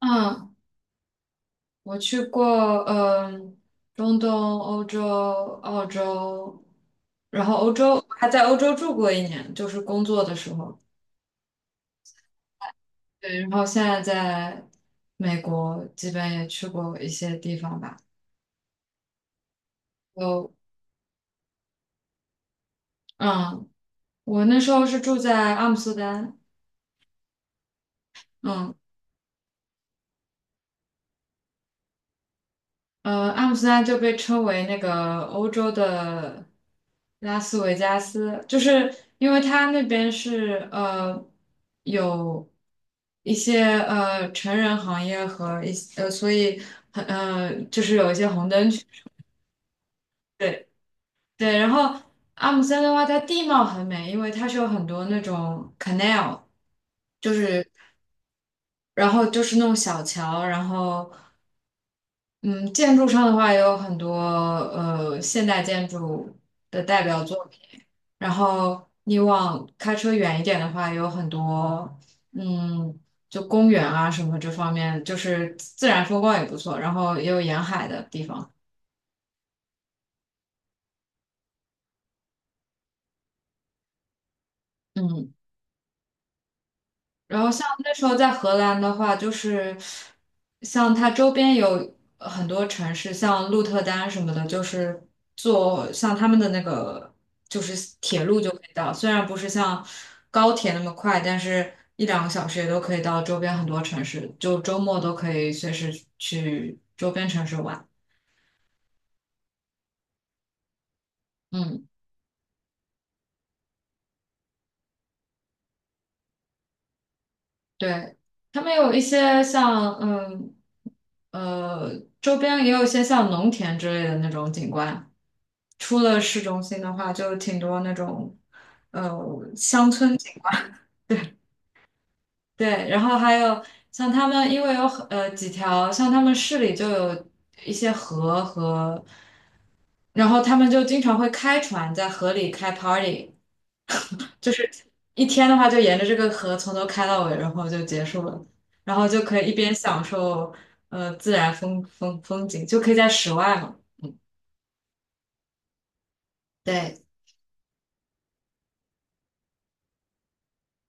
嗯，我去过，嗯，中东、欧洲、澳洲，然后还在欧洲住过一年，就是工作的时候。对，然后现在在美国，基本也去过一些地方吧。有，嗯，我那时候是住在阿姆斯特丹。嗯，阿姆斯特丹就被称为那个欧洲的拉斯维加斯，就是因为它那边是有一些成人行业和一些，所以很就是有一些红灯区。对对。然后阿姆斯特丹的话，它地貌很美，因为它是有很多那种 canal，就是然后就是那种小桥。然后嗯，建筑上的话也有很多现代建筑的代表作品。然后你往开车远一点的话，有很多嗯，就公园啊什么这方面，就是自然风光也不错，然后也有沿海的地方。嗯。然后像那时候在荷兰的话，就是像它周边有很多城市，像鹿特丹什么的，就是坐像他们的那个就是铁路就可以到，虽然不是像高铁那么快，但是一两个小时也都可以到周边很多城市，就周末都可以随时去周边城市玩。嗯，对，他们有一些像周边也有一些像农田之类的那种景观。出了市中心的话，就挺多那种，呃，对，对，然后还有像他们，因为有很几条，像他们市里就有一些河和。然后他们就经常会开船在河里开 party，就是一天的话就沿着这个河从头开到尾，然后就结束了，然后就可以一边享受自然风景，就可以在室外嘛。对，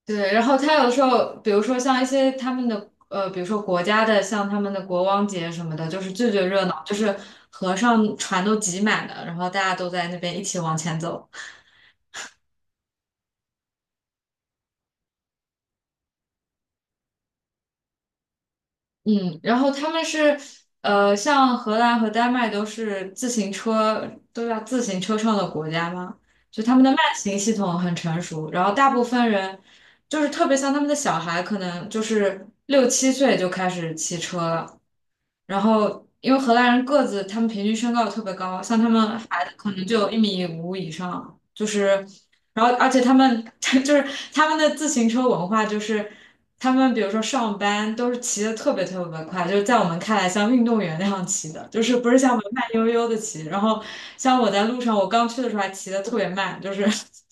对，然后他有时候，比如说像一些他们的比如说国家的，像他们的国王节什么的，就是最最热闹，就是河上船都挤满了，然后大家都在那边一起往前走。嗯，然后他们是，像荷兰和丹麦都是自行车都要自行车上的国家嘛，就他们的慢行系统很成熟，然后大部分人就是特别像他们的小孩，可能就是6、7岁就开始骑车了。然后因为荷兰人个子，他们平均身高特别高，像他们孩子可能就有1.5米以上，就是。然后而且他们 就是他们的自行车文化，就是他们比如说上班都是骑的特别特别快，就是在我们看来像运动员那样骑的，就是不是像我们慢悠悠的骑。然后像我在路上，我刚去的时候还骑的特别慢，就是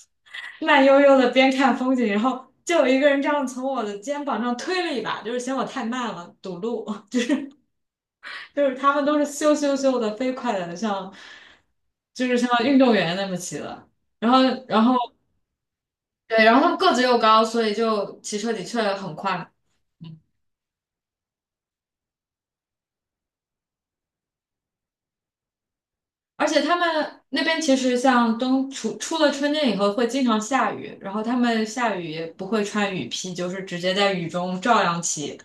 慢悠悠的边看风景，然后就有一个人这样从我的肩膀上推了一把，就是嫌我太慢了，堵路。就是他们都是咻咻咻的飞快的，像就是像运动员那么骑的。然后，然后。对，然后他们个子又高，所以就骑车的确很快。嗯，而且他们那边其实像出了春天以后会经常下雨，然后他们下雨也不会穿雨披，就是直接在雨中照样骑。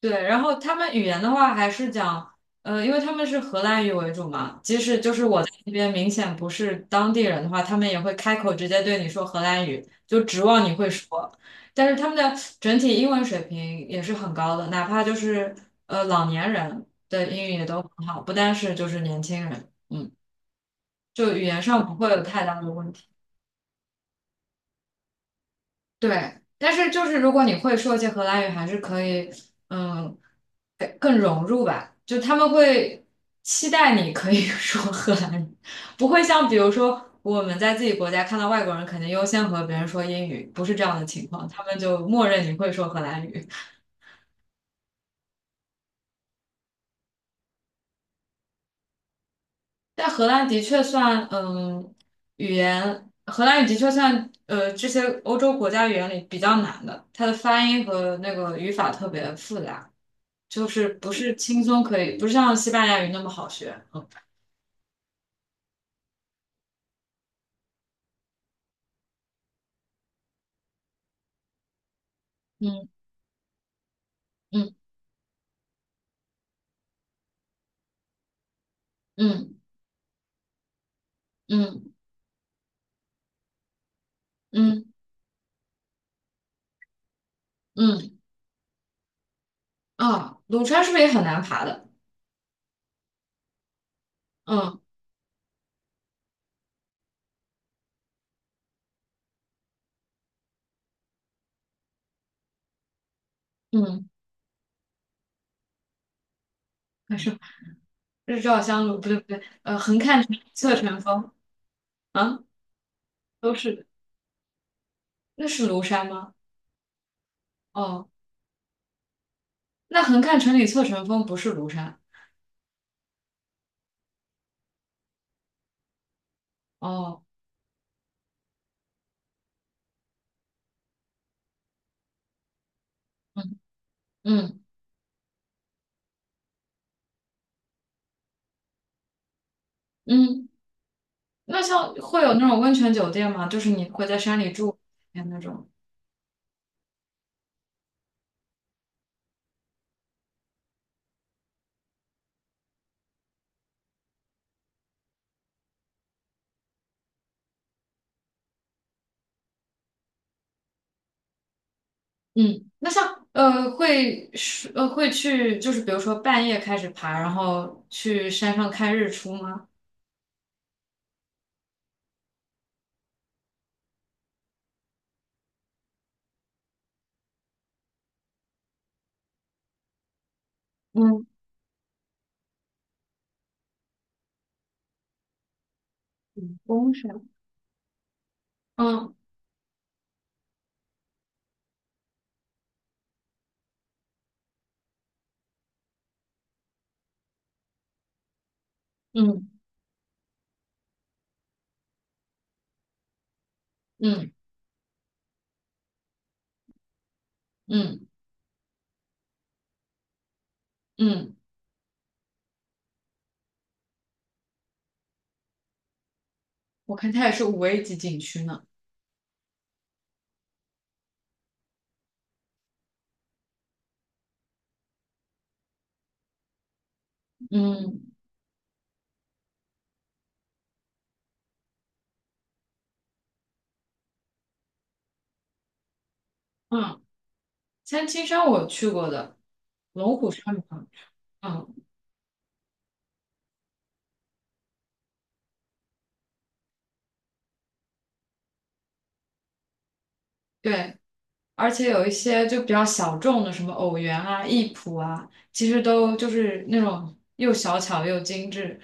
对，然后他们语言的话还是讲，因为他们是荷兰语为主嘛，即使就是我在那边明显不是当地人的话，他们也会开口直接对你说荷兰语，就指望你会说。但是他们的整体英文水平也是很高的，哪怕就是老年人的英语也都很好，不单是就是年轻人。嗯，就语言上不会有太大的问题。对，但是就是如果你会说一些荷兰语，还是可以。嗯。就他们会期待你可以 说荷兰语，不会像比如说我们在自己国家看到外国人，肯定优先和别人说英语，不是这样的情况，他们就默认你会说荷兰语。但荷兰的确算，语言，荷兰语的确算，这些欧洲国家语言里比较难的，它的发音和那个语法特别复杂，就是不是轻松可以，不是像西班牙语那么好学。嗯嗯嗯嗯嗯嗯嗯。嗯嗯啊，庐山是不是也很难爬的？嗯嗯，还是日照香炉，不对不对，横看成岭侧成峰。啊，都是的。那是庐山吗？哦，那横看成岭侧成峰不是庐山。哦，嗯嗯嗯，那像会有那种温泉酒店吗？就是你会在山里住哎那种。嗯，那像会是会去，就是比如说半夜开始爬，然后去山上看日出吗？嗯，嗯，公山。嗯嗯嗯。嗯嗯，我看它也是5A 级景区呢。嗯嗯，三清山我去过的，龙虎山没有。嗯，对，而且有一些就比较小众的，什么偶园啊、艺圃啊，其实都就是那种又小巧又精致。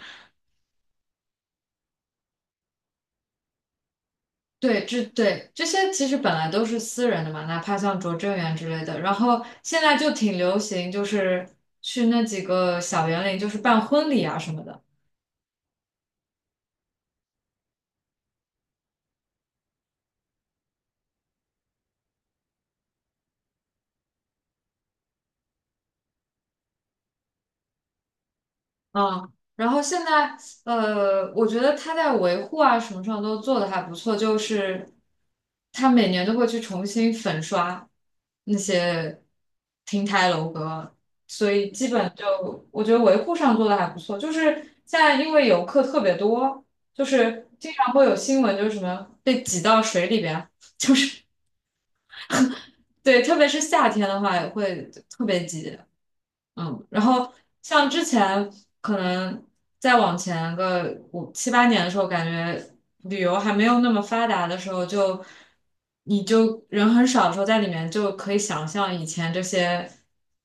对，这对这些其实本来都是私人的嘛，哪怕像拙政园之类的，然后现在就挺流行，就是去那几个小园林，就是办婚礼啊什么的。嗯，然后现在，我觉得他在维护啊什么上都做的还不错，就是他每年都会去重新粉刷那些亭台楼阁，所以基本就我觉得维护上做的还不错。就是现在因为游客特别多，就是经常会有新闻，就是什么被挤到水里边，对，特别是夏天的话也会特别挤。嗯，然后像之前可能再往前个5、7、8年的时候，感觉旅游还没有那么发达的时候就，你就人很少的时候，在里面就可以想象以前这些，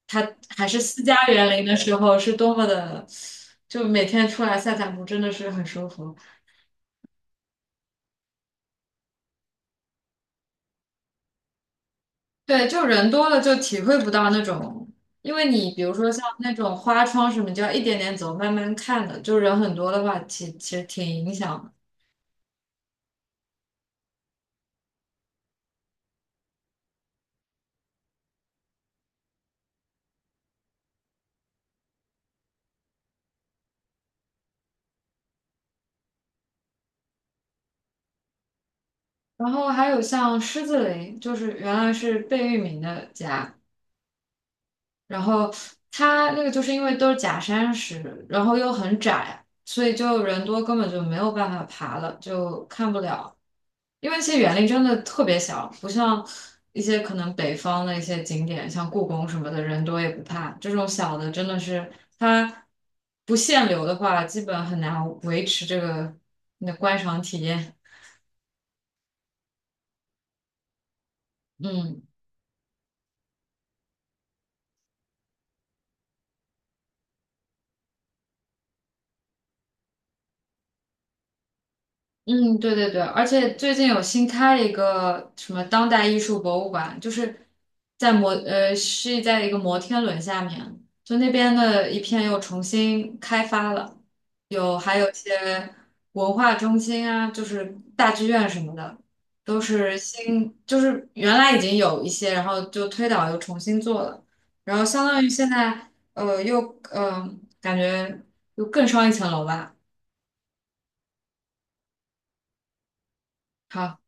它还是私家园林的时候是多么的，就每天出来散散步真的是很舒服。对，就人多了就体会不到那种，因为你比如说像那种花窗什么，你就要一点点走，慢慢看的，就人很多的话，其实挺影响的。然后还有像狮子林，就是原来是贝聿铭的家，然后它那个就是因为都是假山石，然后又很窄，所以就人多根本就没有办法爬了，就看不了。因为其实园林真的特别小，不像一些可能北方的一些景点，像故宫什么的，人多也不怕。这种小的真的是它不限流的话，基本很难维持这个你的观赏体验。嗯。嗯，对对对，而且最近有新开了一个什么当代艺术博物馆，就是在摩呃是在一个摩天轮下面，就那边的一片又重新开发了，还有一些文化中心啊，就是大剧院什么的，都是新，就是原来已经有一些，然后就推倒又重新做了，然后相当于现在又呃感觉又更上一层楼吧。好。